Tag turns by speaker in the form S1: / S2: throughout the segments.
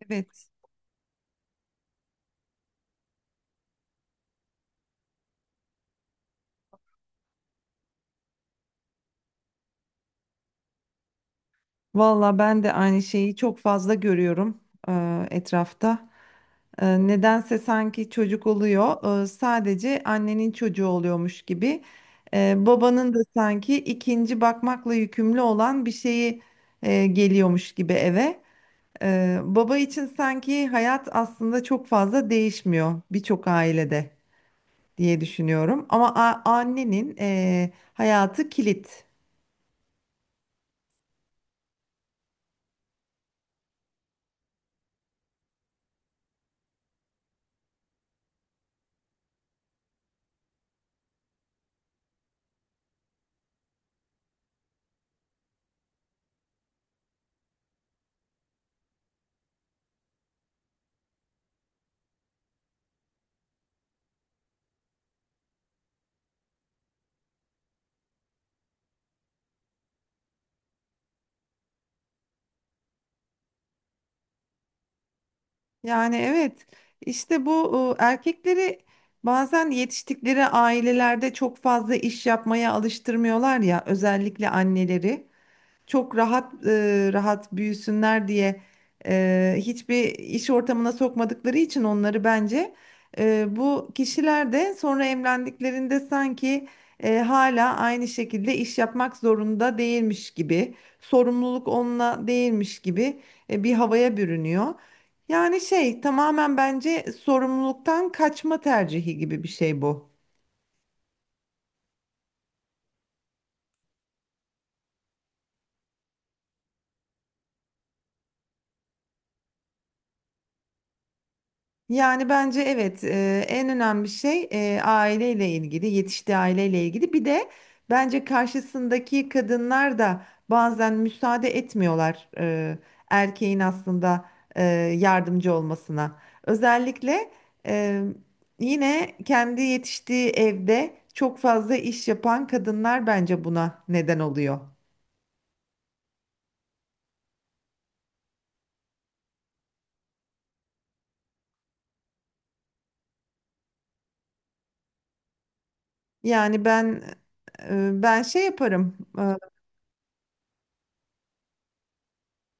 S1: Evet. Valla ben de aynı şeyi çok fazla görüyorum etrafta. Nedense sanki çocuk oluyor, sadece annenin çocuğu oluyormuş gibi. Babanın da sanki ikinci bakmakla yükümlü olan bir şeyi geliyormuş gibi eve. Baba için sanki hayat aslında çok fazla değişmiyor birçok ailede diye düşünüyorum. Ama annenin hayatı kilit. Yani evet, işte bu erkekleri bazen yetiştikleri ailelerde çok fazla iş yapmaya alıştırmıyorlar ya, özellikle anneleri çok rahat rahat büyüsünler diye hiçbir iş ortamına sokmadıkları için onları, bence bu kişiler de sonra evlendiklerinde sanki hala aynı şekilde iş yapmak zorunda değilmiş gibi, sorumluluk onunla değilmiş gibi bir havaya bürünüyor. Yani şey, tamamen bence sorumluluktan kaçma tercihi gibi bir şey bu. Yani bence evet, en önemli şey aileyle ilgili, yetiştiği aileyle ilgili. Bir de bence karşısındaki kadınlar da bazen müsaade etmiyorlar erkeğin aslında e, yardımcı olmasına. Özellikle e, yine kendi yetiştiği evde çok fazla iş yapan kadınlar bence buna neden oluyor. Yani ben ben şey yaparım. E,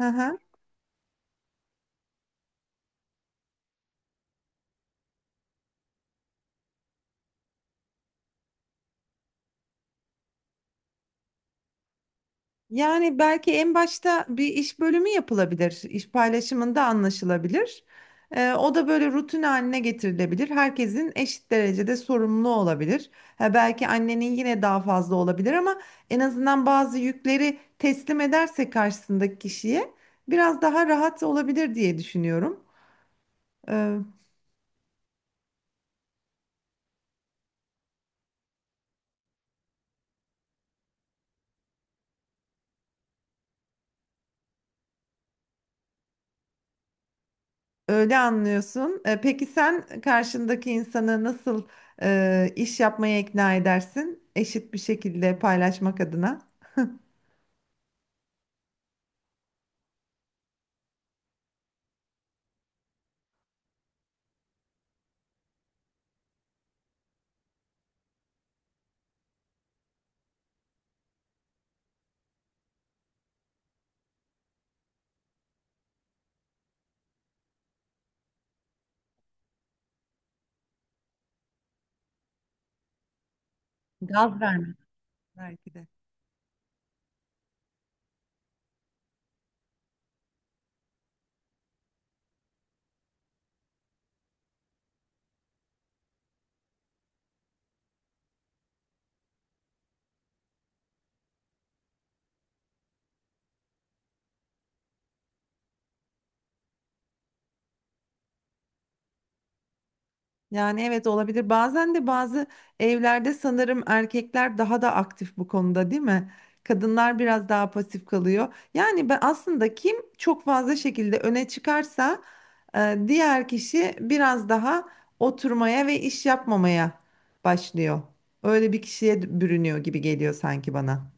S1: hı hı. Yani belki en başta bir iş bölümü yapılabilir, iş paylaşımında anlaşılabilir. O da böyle rutin haline getirilebilir. Herkesin eşit derecede sorumlu olabilir. Ha, belki annenin yine daha fazla olabilir ama en azından bazı yükleri teslim ederse karşısındaki kişiye biraz daha rahat olabilir diye düşünüyorum. Ee, Öyle anlıyorsun. Peki sen karşındaki insanı nasıl iş yapmaya ikna edersin? Eşit bir şekilde paylaşmak adına. Gaz verme. Belki de. Yani evet, olabilir. Bazen de bazı evlerde sanırım erkekler daha da aktif bu konuda, değil mi? Kadınlar biraz daha pasif kalıyor. Yani ben aslında kim çok fazla şekilde öne çıkarsa diğer kişi biraz daha oturmaya ve iş yapmamaya başlıyor. Öyle bir kişiye bürünüyor gibi geliyor sanki bana.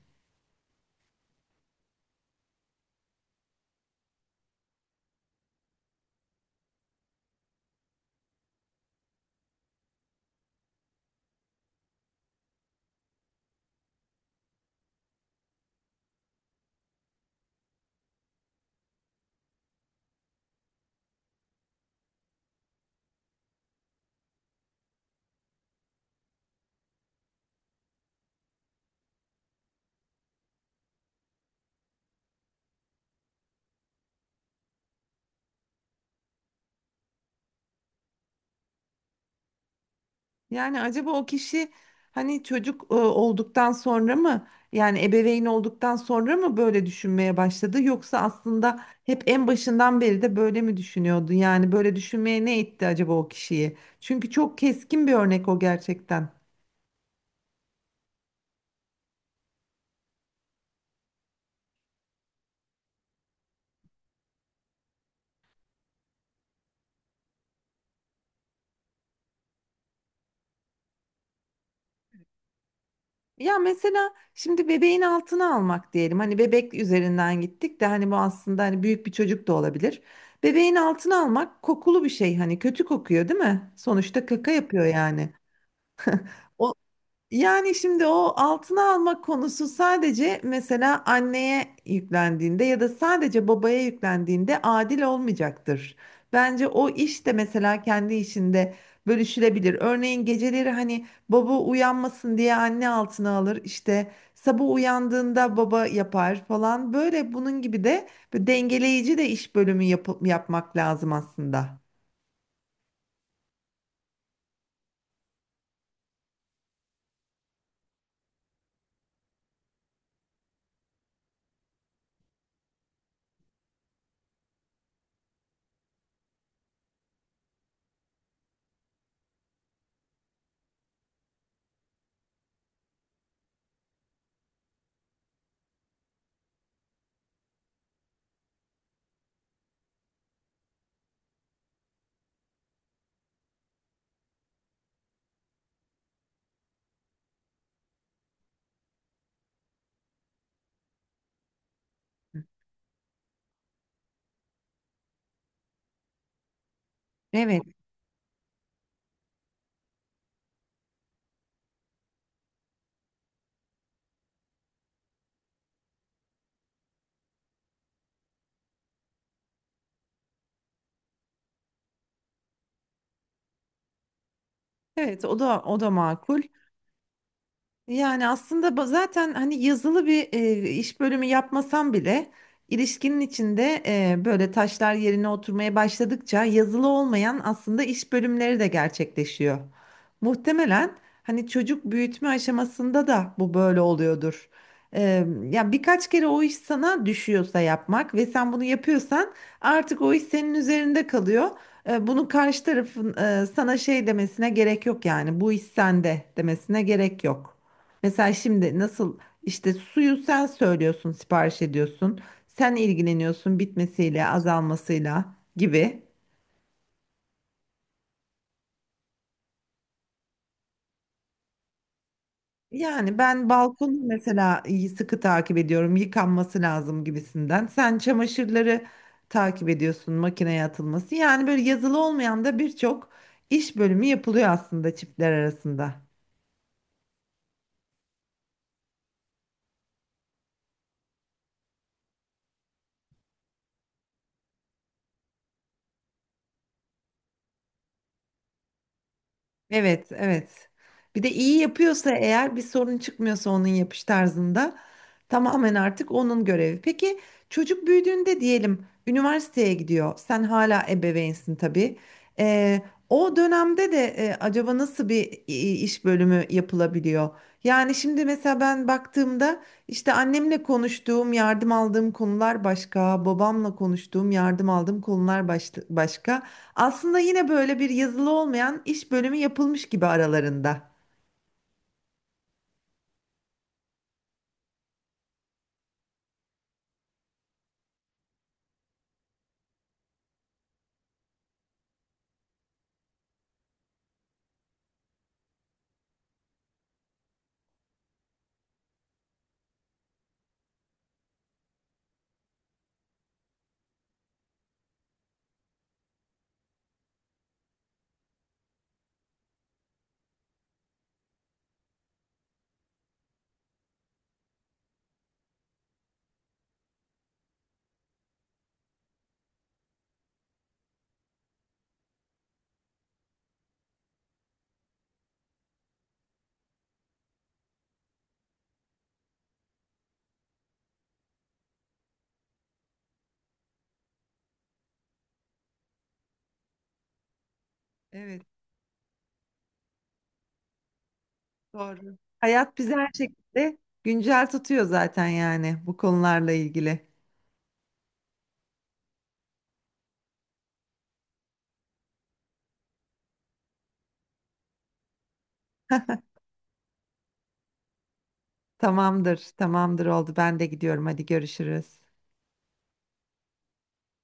S1: Yani acaba o kişi hani çocuk olduktan sonra mı, yani ebeveyn olduktan sonra mı böyle düşünmeye başladı, yoksa aslında hep en başından beri de böyle mi düşünüyordu? Yani böyle düşünmeye ne itti acaba o kişiyi? Çünkü çok keskin bir örnek o gerçekten. Ya mesela şimdi bebeğin altına almak diyelim. Hani bebek üzerinden gittik de hani bu aslında hani büyük bir çocuk da olabilir. Bebeğin altına almak kokulu bir şey, hani kötü kokuyor değil mi? Sonuçta kaka yapıyor yani. O, yani şimdi o altına almak konusu sadece mesela anneye yüklendiğinde ya da sadece babaya yüklendiğinde adil olmayacaktır. Bence o iş de mesela kendi işinde bölüşülebilir. Örneğin geceleri hani baba uyanmasın diye anne altına alır, işte sabah uyandığında baba yapar falan. Böyle bunun gibi de bir dengeleyici de iş bölümü yapmak lazım aslında. Evet, evet, o da o da makul. Yani aslında zaten hani yazılı bir iş bölümü yapmasam bile ilişkinin içinde böyle taşlar yerine oturmaya başladıkça yazılı olmayan aslında iş bölümleri de gerçekleşiyor. Muhtemelen hani çocuk büyütme aşamasında da bu böyle oluyordur. E, Ya birkaç kere o iş sana düşüyorsa yapmak ve sen bunu yapıyorsan artık o iş senin üzerinde kalıyor. Bunu karşı tarafın sana şey demesine gerek yok, yani bu iş sende demesine gerek yok. Mesela şimdi nasıl işte suyu sen söylüyorsun, sipariş ediyorsun. Sen ilgileniyorsun bitmesiyle, azalmasıyla gibi. Yani ben balkonu mesela sıkı takip ediyorum. Yıkanması lazım gibisinden. Sen çamaşırları takip ediyorsun, makineye atılması. Yani böyle yazılı olmayan da birçok iş bölümü yapılıyor aslında çiftler arasında. Evet, evet. Bir de iyi yapıyorsa, eğer bir sorun çıkmıyorsa onun yapış tarzında, tamamen artık onun görevi. Peki çocuk büyüdüğünde diyelim üniversiteye gidiyor. Sen hala ebeveynsin tabii. Ee, O dönemde de acaba nasıl bir iş bölümü yapılabiliyor? Yani şimdi mesela ben baktığımda işte annemle konuştuğum, yardım aldığım konular başka, babamla konuştuğum, yardım aldığım konular başka. Aslında yine böyle bir yazılı olmayan iş bölümü yapılmış gibi aralarında. Evet, doğru. Hayat bizi her şekilde güncel tutuyor zaten yani bu konularla ilgili. Tamamdır, tamamdır, oldu. Ben de gidiyorum. Hadi görüşürüz.